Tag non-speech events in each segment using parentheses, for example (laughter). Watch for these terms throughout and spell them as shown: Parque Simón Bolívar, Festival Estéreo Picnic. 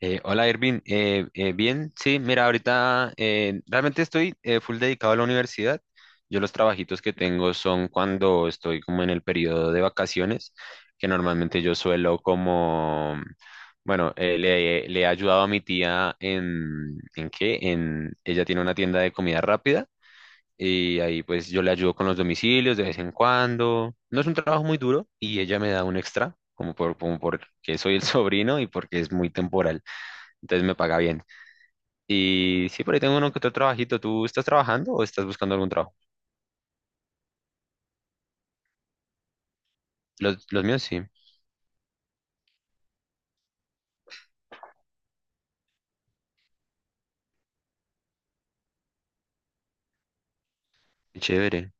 Hola Irvin. Bien, sí, mira, ahorita realmente estoy full dedicado a la universidad. Yo los trabajitos que tengo son cuando estoy como en el periodo de vacaciones, que normalmente yo suelo como, bueno, le he ayudado a mi tía ¿en qué? En, ella tiene una tienda de comida rápida y ahí pues yo le ayudo con los domicilios de vez en cuando. No es un trabajo muy duro y ella me da un extra, como porque soy el (laughs) sobrino y porque es muy temporal, entonces me paga bien. Y sí, por ahí tengo uno que otro trabajito. ¿Tú estás trabajando o estás buscando algún trabajo? Los míos sí. Chévere.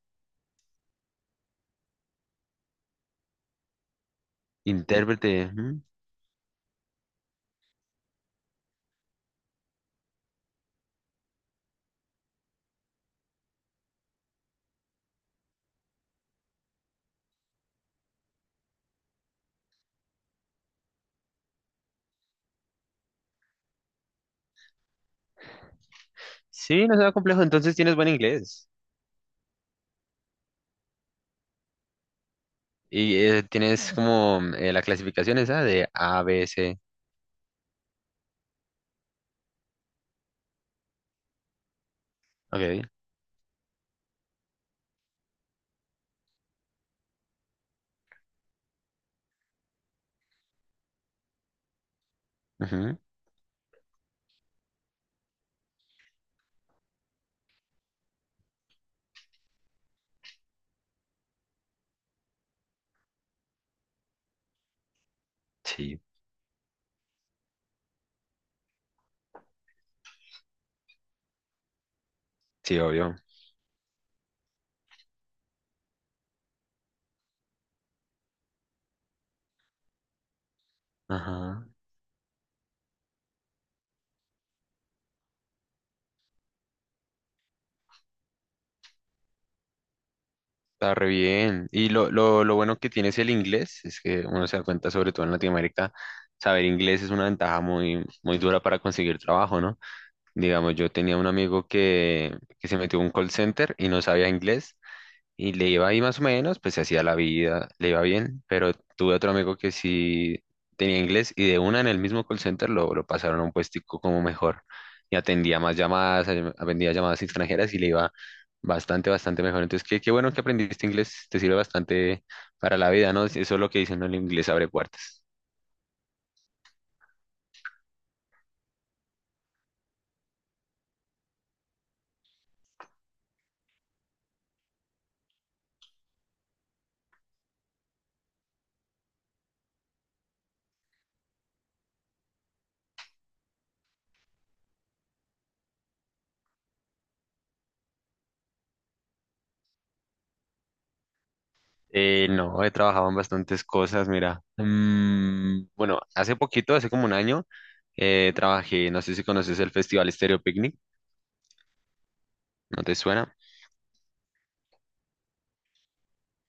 Intérprete, ujú. Sí, no será complejo, entonces tienes buen inglés. Y tienes como la clasificación esa de A, B, C. Ok. Ujú. Sí, sí, obvio. Ajá. Está re bien. Y lo bueno que tienes el inglés es que uno se da cuenta, sobre todo en Latinoamérica, saber inglés es una ventaja muy, muy dura para conseguir trabajo, ¿no? Digamos, yo tenía un amigo que se metió a un call center y no sabía inglés y le iba ahí más o menos, pues se hacía la vida, le iba bien, pero tuve otro amigo que sí tenía inglés y de una en el mismo call center lo pasaron a un puestico como mejor y atendía más llamadas, atendía llamadas extranjeras y le iba bastante, bastante mejor. Entonces, qué bueno que aprendiste inglés, te sirve bastante para la vida, ¿no? Eso es lo que dicen, ¿no? El inglés abre puertas. No, he trabajado en bastantes cosas, mira. Mm, bueno, hace poquito, hace como un año, trabajé, no sé si conoces el Festival Estéreo Picnic, ¿no te suena?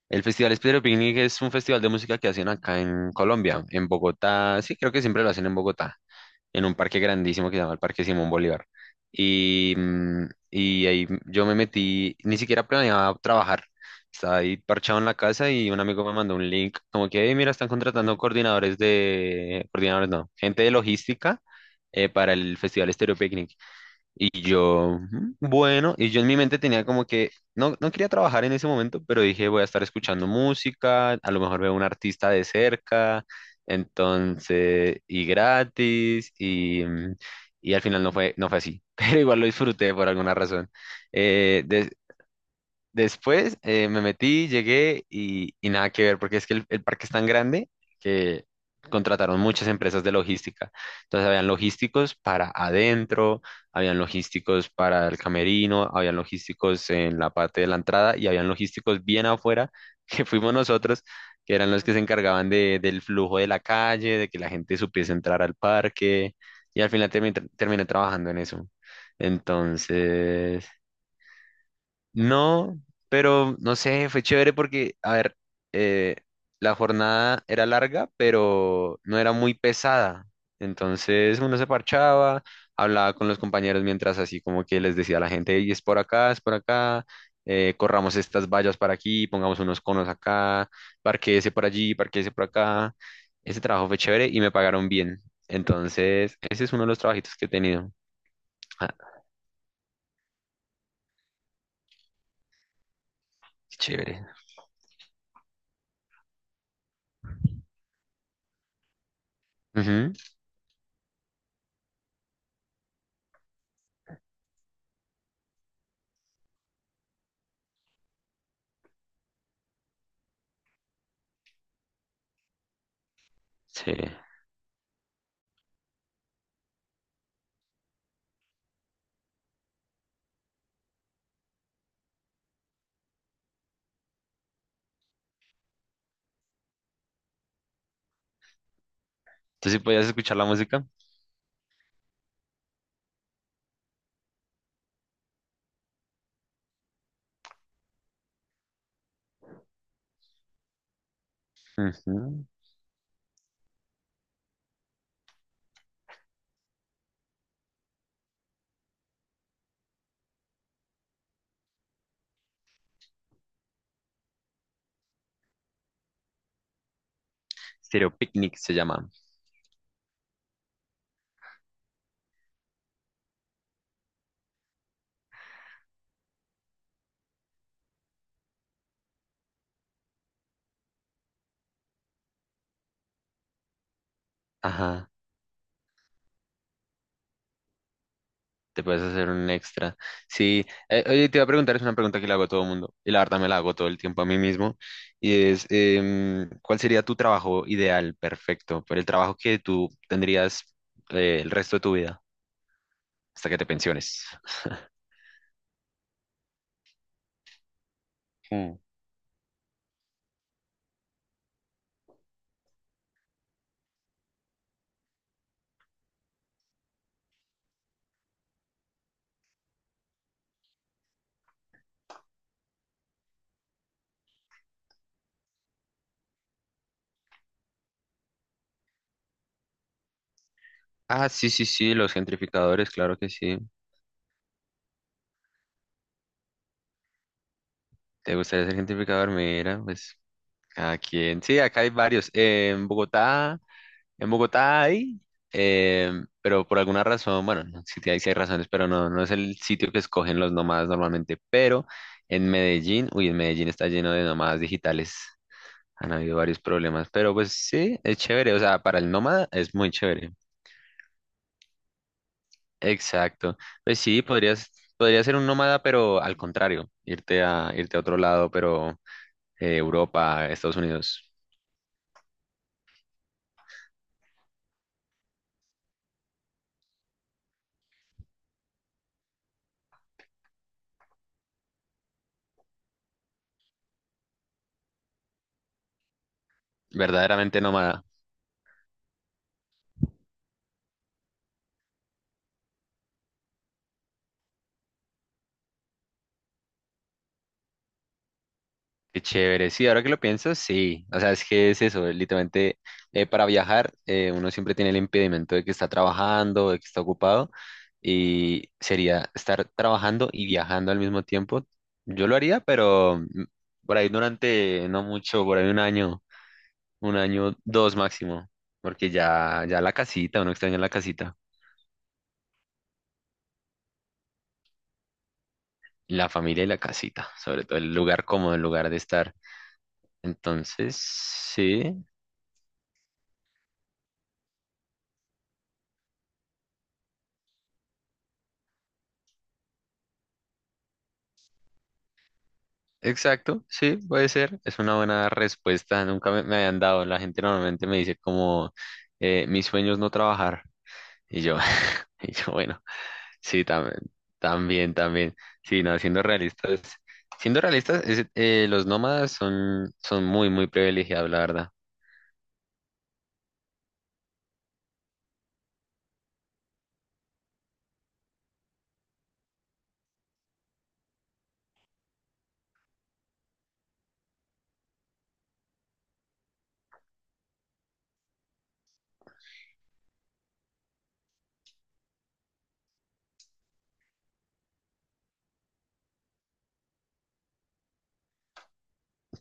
El Festival Estéreo Picnic es un festival de música que hacen acá en Colombia, en Bogotá, sí, creo que siempre lo hacen en Bogotá, en un parque grandísimo que se llama el Parque Simón Bolívar. Y, mm, y ahí yo me metí, ni siquiera planeaba trabajar. Estaba ahí parchado en la casa y un amigo me mandó un link como que, "Hey, mira, están contratando coordinadores de, coordinadores no, gente de logística para el Festival Estéreo Picnic". Y yo, "Mm, bueno", y yo en mi mente tenía como que, no, no quería trabajar en ese momento, pero dije, voy a estar escuchando música, a lo mejor veo un artista de cerca, entonces, y gratis, y, mm, y al final no fue, no fue así, (laughs) pero igual lo disfruté por alguna razón. Eh, Después me metí, llegué y nada que ver, porque es que el parque es tan grande que contrataron muchas empresas de logística. Entonces habían logísticos para adentro, habían logísticos para el camerino, habían logísticos en la parte de la entrada y habían logísticos bien afuera, (laughs) que fuimos nosotros, que eran los que se encargaban del flujo de la calle, de que la gente supiese entrar al parque y al final terminé trabajando en eso. Entonces... No, pero no sé, fue chévere porque, a ver, eh, la jornada era larga, pero no era muy pesada. Entonces uno se parchaba, hablaba con los compañeros mientras así como que les decía a la gente, y es por acá, corramos estas vallas para aquí, pongamos unos conos acá, parquéese por allí, parquéese por acá. Ese trabajo fue chévere y me pagaron bien. Entonces, ese es uno de los trabajitos que he tenido. Ah, qué chévere. Ujú, sí. ¿Tú sí podías escuchar la música? Ujú. Stereo Picnic se llama. Ajá, te puedes hacer un extra. Sí, oye, te iba a preguntar, es una pregunta que le hago a todo el mundo, y la verdad me la hago todo el tiempo a mí mismo, y es, ¿cuál sería tu trabajo ideal, perfecto, pero el trabajo que tú tendrías el resto de tu vida, hasta que te pensiones? Mm. Ah, sí, sí, sí, los gentrificadores, claro que sí. ¿Te gustaría ser gentrificador? Mira, pues, ¿a quién? Sí, acá hay varios en Bogotá. En Bogotá hay, eh, pero por alguna razón, bueno, no, sí hay razones, pero no, no es el sitio que escogen los nómadas normalmente. Pero en Medellín, uy, en Medellín está lleno de nómadas digitales. Han habido varios problemas, pero pues sí, es chévere. O sea, para el nómada es muy chévere. Exacto. Pues sí, podrías, podría ser un nómada, pero al contrario, irte a, irte a otro lado, pero Europa, Estados Unidos, verdaderamente nómada. Qué chévere, sí, ahora que lo pienso, sí. O sea, es que es eso, literalmente para viajar uno siempre tiene el impedimento de que está trabajando, de que está ocupado y sería estar trabajando y viajando al mismo tiempo. Yo lo haría, pero mm, por ahí durante no mucho, por ahí un año, dos máximo, porque ya, ya la casita, uno extraña la casita, la familia y la casita, sobre todo el lugar cómodo, el lugar de estar. Entonces, sí. Exacto, sí, puede ser. Es una buena respuesta. Nunca me habían dado. La gente normalmente me dice como, mi sueño es no trabajar. Y yo, (laughs) y yo, bueno, sí, también, también, también. Sí, no, siendo realistas, los nómadas son, son muy, muy privilegiados, la verdad.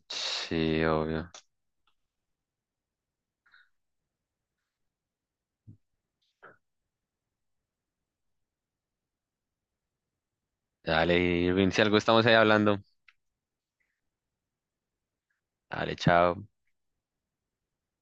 Sí, obvio. Dale, Irving, si algo estamos ahí hablando. Dale, chao.